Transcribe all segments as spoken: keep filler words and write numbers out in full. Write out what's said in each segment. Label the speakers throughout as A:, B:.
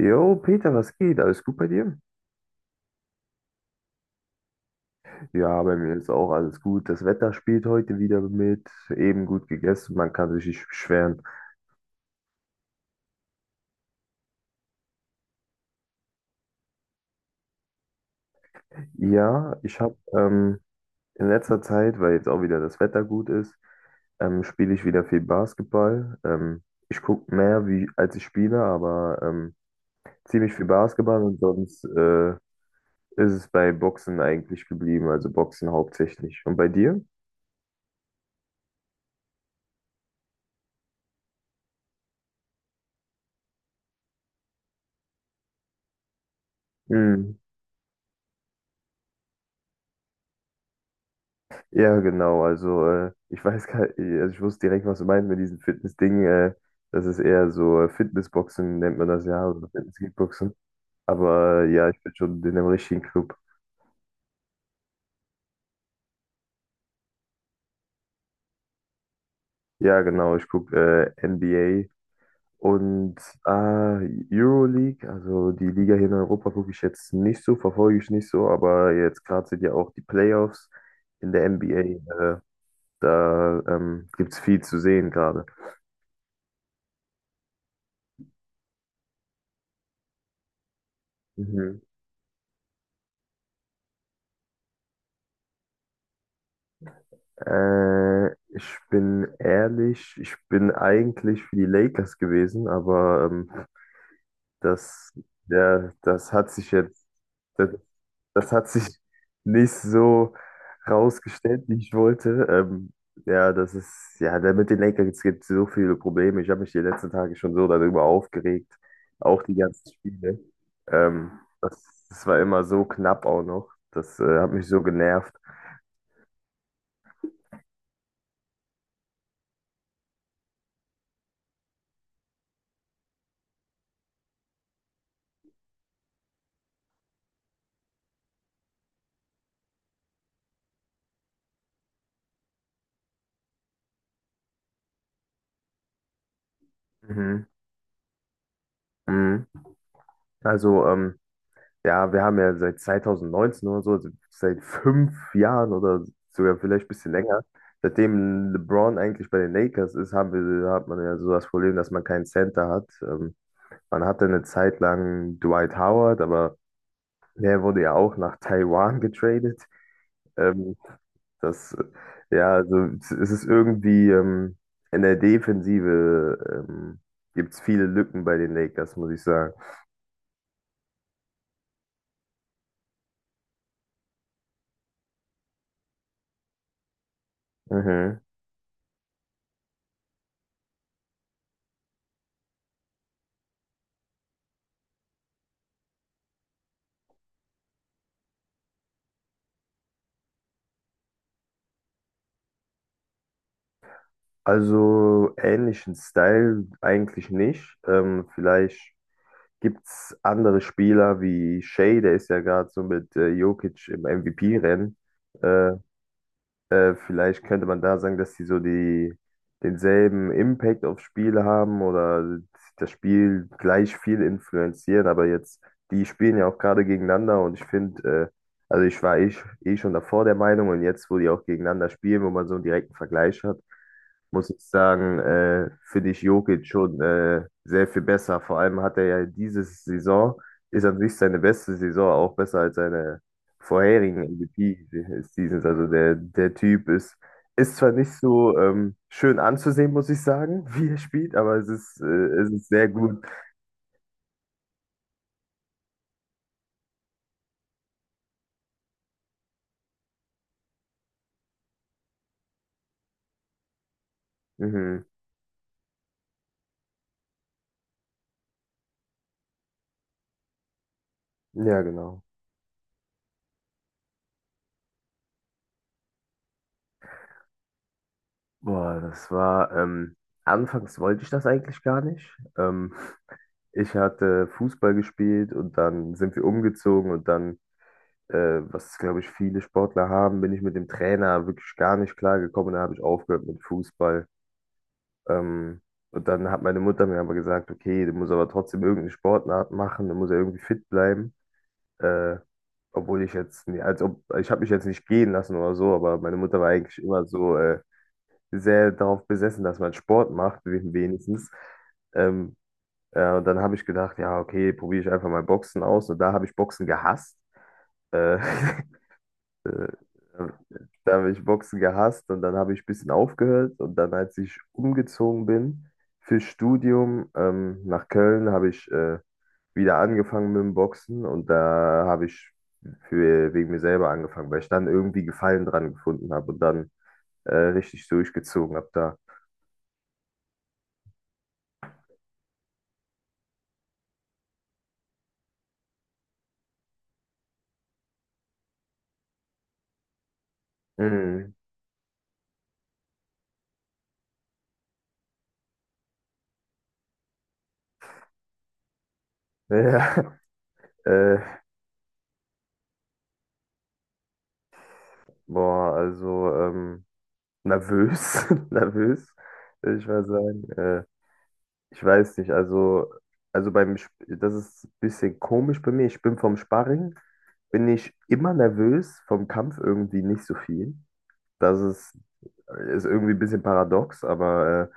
A: Jo, Peter, was geht? Alles gut bei dir? Ja, bei mir ist auch alles gut. Das Wetter spielt heute wieder mit. Eben gut gegessen, man kann sich nicht beschweren. Ja, ich habe ähm, in letzter Zeit, weil jetzt auch wieder das Wetter gut ist, ähm, spiele ich wieder viel Basketball. Ähm, ich gucke mehr, wie, als ich spiele, aber ähm, ziemlich viel Basketball und sonst äh, ist es bei Boxen eigentlich geblieben, also Boxen hauptsächlich. Und bei dir? Ja, genau. Also, äh, ich weiß gar also ich wusste direkt, was du meinst mit diesem Fitness-Ding. Äh, das ist eher so äh, Fitnessboxen, nennt man das ja, oder Fitness-Kickboxen. Aber äh, ja, ich bin schon in einem richtigen Club. Ja, genau. Ich gucke äh, N B A und äh, Euroleague. Also, die Liga hier in Europa gucke ich jetzt nicht so, verfolge ich nicht so. Aber jetzt gerade sind ja auch die Playoffs in der N B A. Äh, da ähm, gibt es viel zu sehen gerade. Äh, ich bin ehrlich, ich bin eigentlich für die Lakers gewesen, aber ähm, das, ja, das hat sich jetzt, das, das hat sich nicht so rausgestellt, wie ich wollte. Ähm, ja, das ist, ja, da mit den Lakers gibt es so viele Probleme. Ich habe mich die letzten Tage schon so darüber aufgeregt, auch die ganzen Spiele. Ähm, das, das war immer so knapp auch noch. Das äh, hat mich so genervt. Mhm. Mhm. Also, ähm, ja, wir haben ja seit zwanzig neunzehn oder so, also seit fünf Jahren oder sogar vielleicht ein bisschen länger, seitdem LeBron eigentlich bei den Lakers ist, haben wir, hat man ja so das Problem, dass man keinen Center hat. Ähm, man hatte eine Zeit lang Dwight Howard, aber der wurde ja auch nach Taiwan getradet. Ähm, das, äh, ja, also es es ist irgendwie ähm, in der Defensive ähm, gibt es viele Lücken bei den Lakers, muss ich sagen. Mhm. Also ähnlichen Style eigentlich nicht. Ähm, vielleicht gibt es andere Spieler wie Shea, der ist ja gerade so mit äh, Jokic im M V P-Rennen. Äh, vielleicht könnte man da sagen, dass sie so die denselben Impact aufs Spiel haben oder das Spiel gleich viel influenzieren, aber jetzt, die spielen ja auch gerade gegeneinander und ich finde, äh, also ich war eh, sch- eh schon davor der Meinung und jetzt, wo die auch gegeneinander spielen, wo man so einen direkten Vergleich hat, muss ich sagen, äh, finde ich Jokic schon äh, sehr viel besser. Vor allem hat er ja diese Saison, ist an sich seine beste Saison, auch besser als seine vorherigen M V P des Seasons. Also der, der Typ ist, ist zwar nicht so ähm, schön anzusehen, muss ich sagen, wie er spielt, aber es ist, äh, es ist sehr gut. Mhm. Ja, genau. Boah, das war, ähm, anfangs wollte ich das eigentlich gar nicht. Ähm, ich hatte Fußball gespielt und dann sind wir umgezogen und dann, äh, was glaube ich viele Sportler haben, bin ich mit dem Trainer wirklich gar nicht klar gekommen. Da habe ich aufgehört mit Fußball. Ähm, und dann hat meine Mutter mir aber gesagt, okay, du musst aber trotzdem irgendeine Sportart machen, du musst ja irgendwie fit bleiben. Äh, Obwohl ich jetzt, nie- als ob, ich habe mich jetzt nicht gehen lassen oder so, aber meine Mutter war eigentlich immer so äh, sehr darauf besessen, dass man Sport macht, wen- wenigstens. Ähm, ja, und dann habe ich gedacht, ja, okay, probiere ich einfach mal Boxen aus. Und da habe ich Boxen gehasst. Äh, Äh, äh, Da habe ich Boxen gehasst und dann habe ich ein bisschen aufgehört. Und dann, als ich umgezogen bin fürs Studium ähm, nach Köln, habe ich äh, wieder angefangen mit dem Boxen und da habe ich für, wegen mir selber angefangen, weil ich dann irgendwie Gefallen dran gefunden habe und dann äh, richtig durchgezogen habe da. Mhm. Ja, äh, boah, also ähm, nervös, nervös, würde ich mal sagen. Äh, Ich weiß nicht, also, also beim, Sp- das ist ein bisschen komisch bei mir. Ich bin vom Sparring, bin ich immer nervös, vom Kampf irgendwie nicht so viel. Das ist, ist irgendwie ein bisschen paradox, aber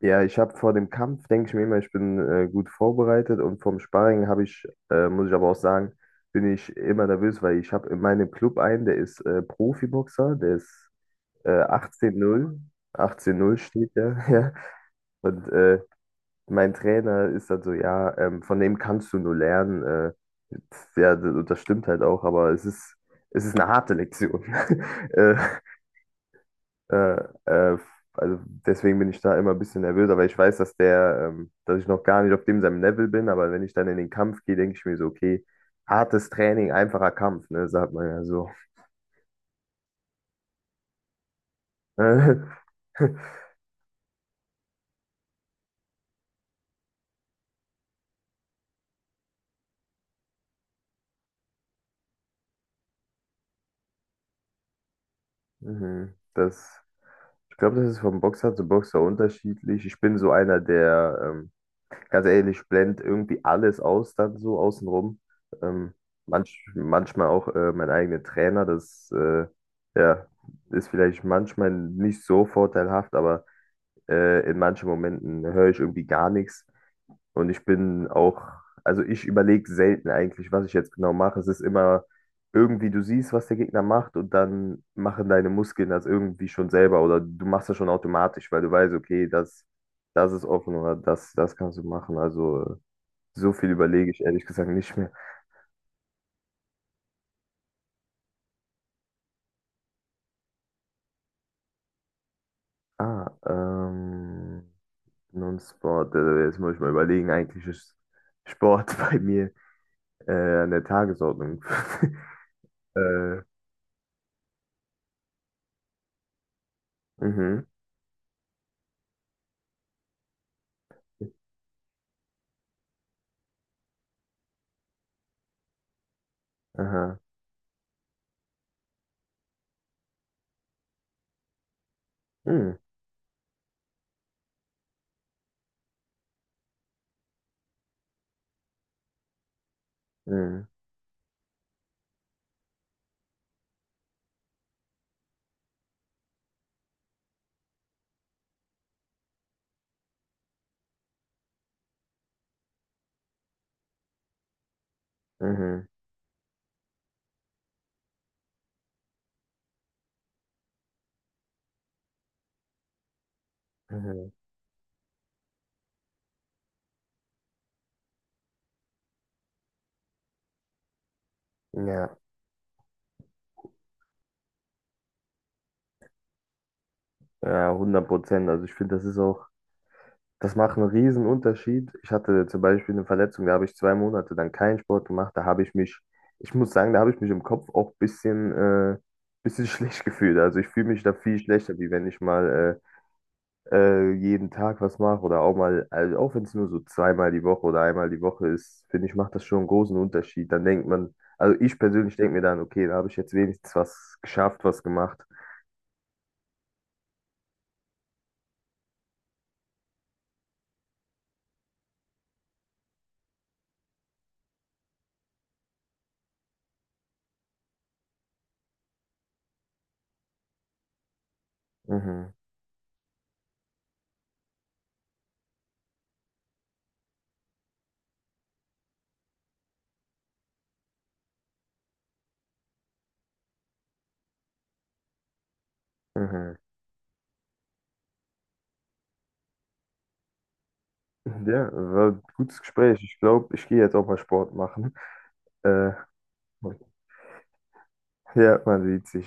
A: äh, ja, ich habe vor dem Kampf, denke ich mir immer, ich bin äh, gut vorbereitet und vom Sparring habe ich, äh, muss ich aber auch sagen, bin ich immer nervös, weil ich habe in meinem Club einen, der ist äh, Profiboxer, der ist äh, achtzehn null, achtzehn null steht der, ja. Und äh, mein Trainer ist dann so, ja, ähm, von dem kannst du nur lernen. Äh, pf, ja, das, das stimmt halt auch, aber es ist, es ist eine harte Lektion. äh, äh, äh, also deswegen bin ich da immer ein bisschen nervös, aber ich weiß, dass der, ähm, dass ich noch gar nicht auf dem seinem Level bin, aber wenn ich dann in den Kampf gehe, denke ich mir so, okay, hartes Training, einfacher Kampf, ne, sagt man ja so. Äh, Mhm, das, ich glaube, das ist vom Boxer zu Boxer unterschiedlich. Ich bin so einer, der, ähm, ganz ehrlich, ich blende irgendwie alles aus, dann so außenrum. Ähm, manch, manchmal auch äh, mein eigener Trainer, das äh, ja, ist vielleicht manchmal nicht so vorteilhaft, aber äh, in manchen Momenten höre ich irgendwie gar nichts. Und ich bin auch, also ich überlege selten eigentlich, was ich jetzt genau mache. Es ist immer irgendwie, du siehst, was der Gegner macht und dann machen deine Muskeln das irgendwie schon selber oder du machst das schon automatisch, weil du weißt, okay, das. Das ist offen oder das, das kannst du machen. Also so viel überlege ich ehrlich gesagt nicht mehr. Ah, ähm, Non-Sport. Also jetzt muss ich mal überlegen. Eigentlich ist Sport bei mir äh, an der Tagesordnung. äh, mhm. Aha. Mhm. Mhm. Mhm. Mhm. Ja, ja, hundert Prozent. Also ich finde, das ist auch, das macht einen riesen Unterschied. Ich hatte zum Beispiel eine Verletzung, da habe ich zwei Monate dann keinen Sport gemacht. Da habe ich mich, ich muss sagen, da habe ich mich im Kopf auch ein bisschen, äh, bisschen schlecht gefühlt. Also ich fühle mich da viel schlechter, wie wenn ich mal äh, äh, jeden Tag was mache oder auch mal, also auch wenn es nur so zweimal die Woche oder einmal die Woche ist, finde ich, macht das schon einen großen Unterschied. Dann denkt man, also ich persönlich denke mir dann, okay, da habe ich jetzt wenigstens was geschafft, was gemacht. Mhm, mhm. Ja, war ein gutes Gespräch. Ich glaube, ich gehe jetzt auch mal Sport machen. Äh, ja, man sieht sich.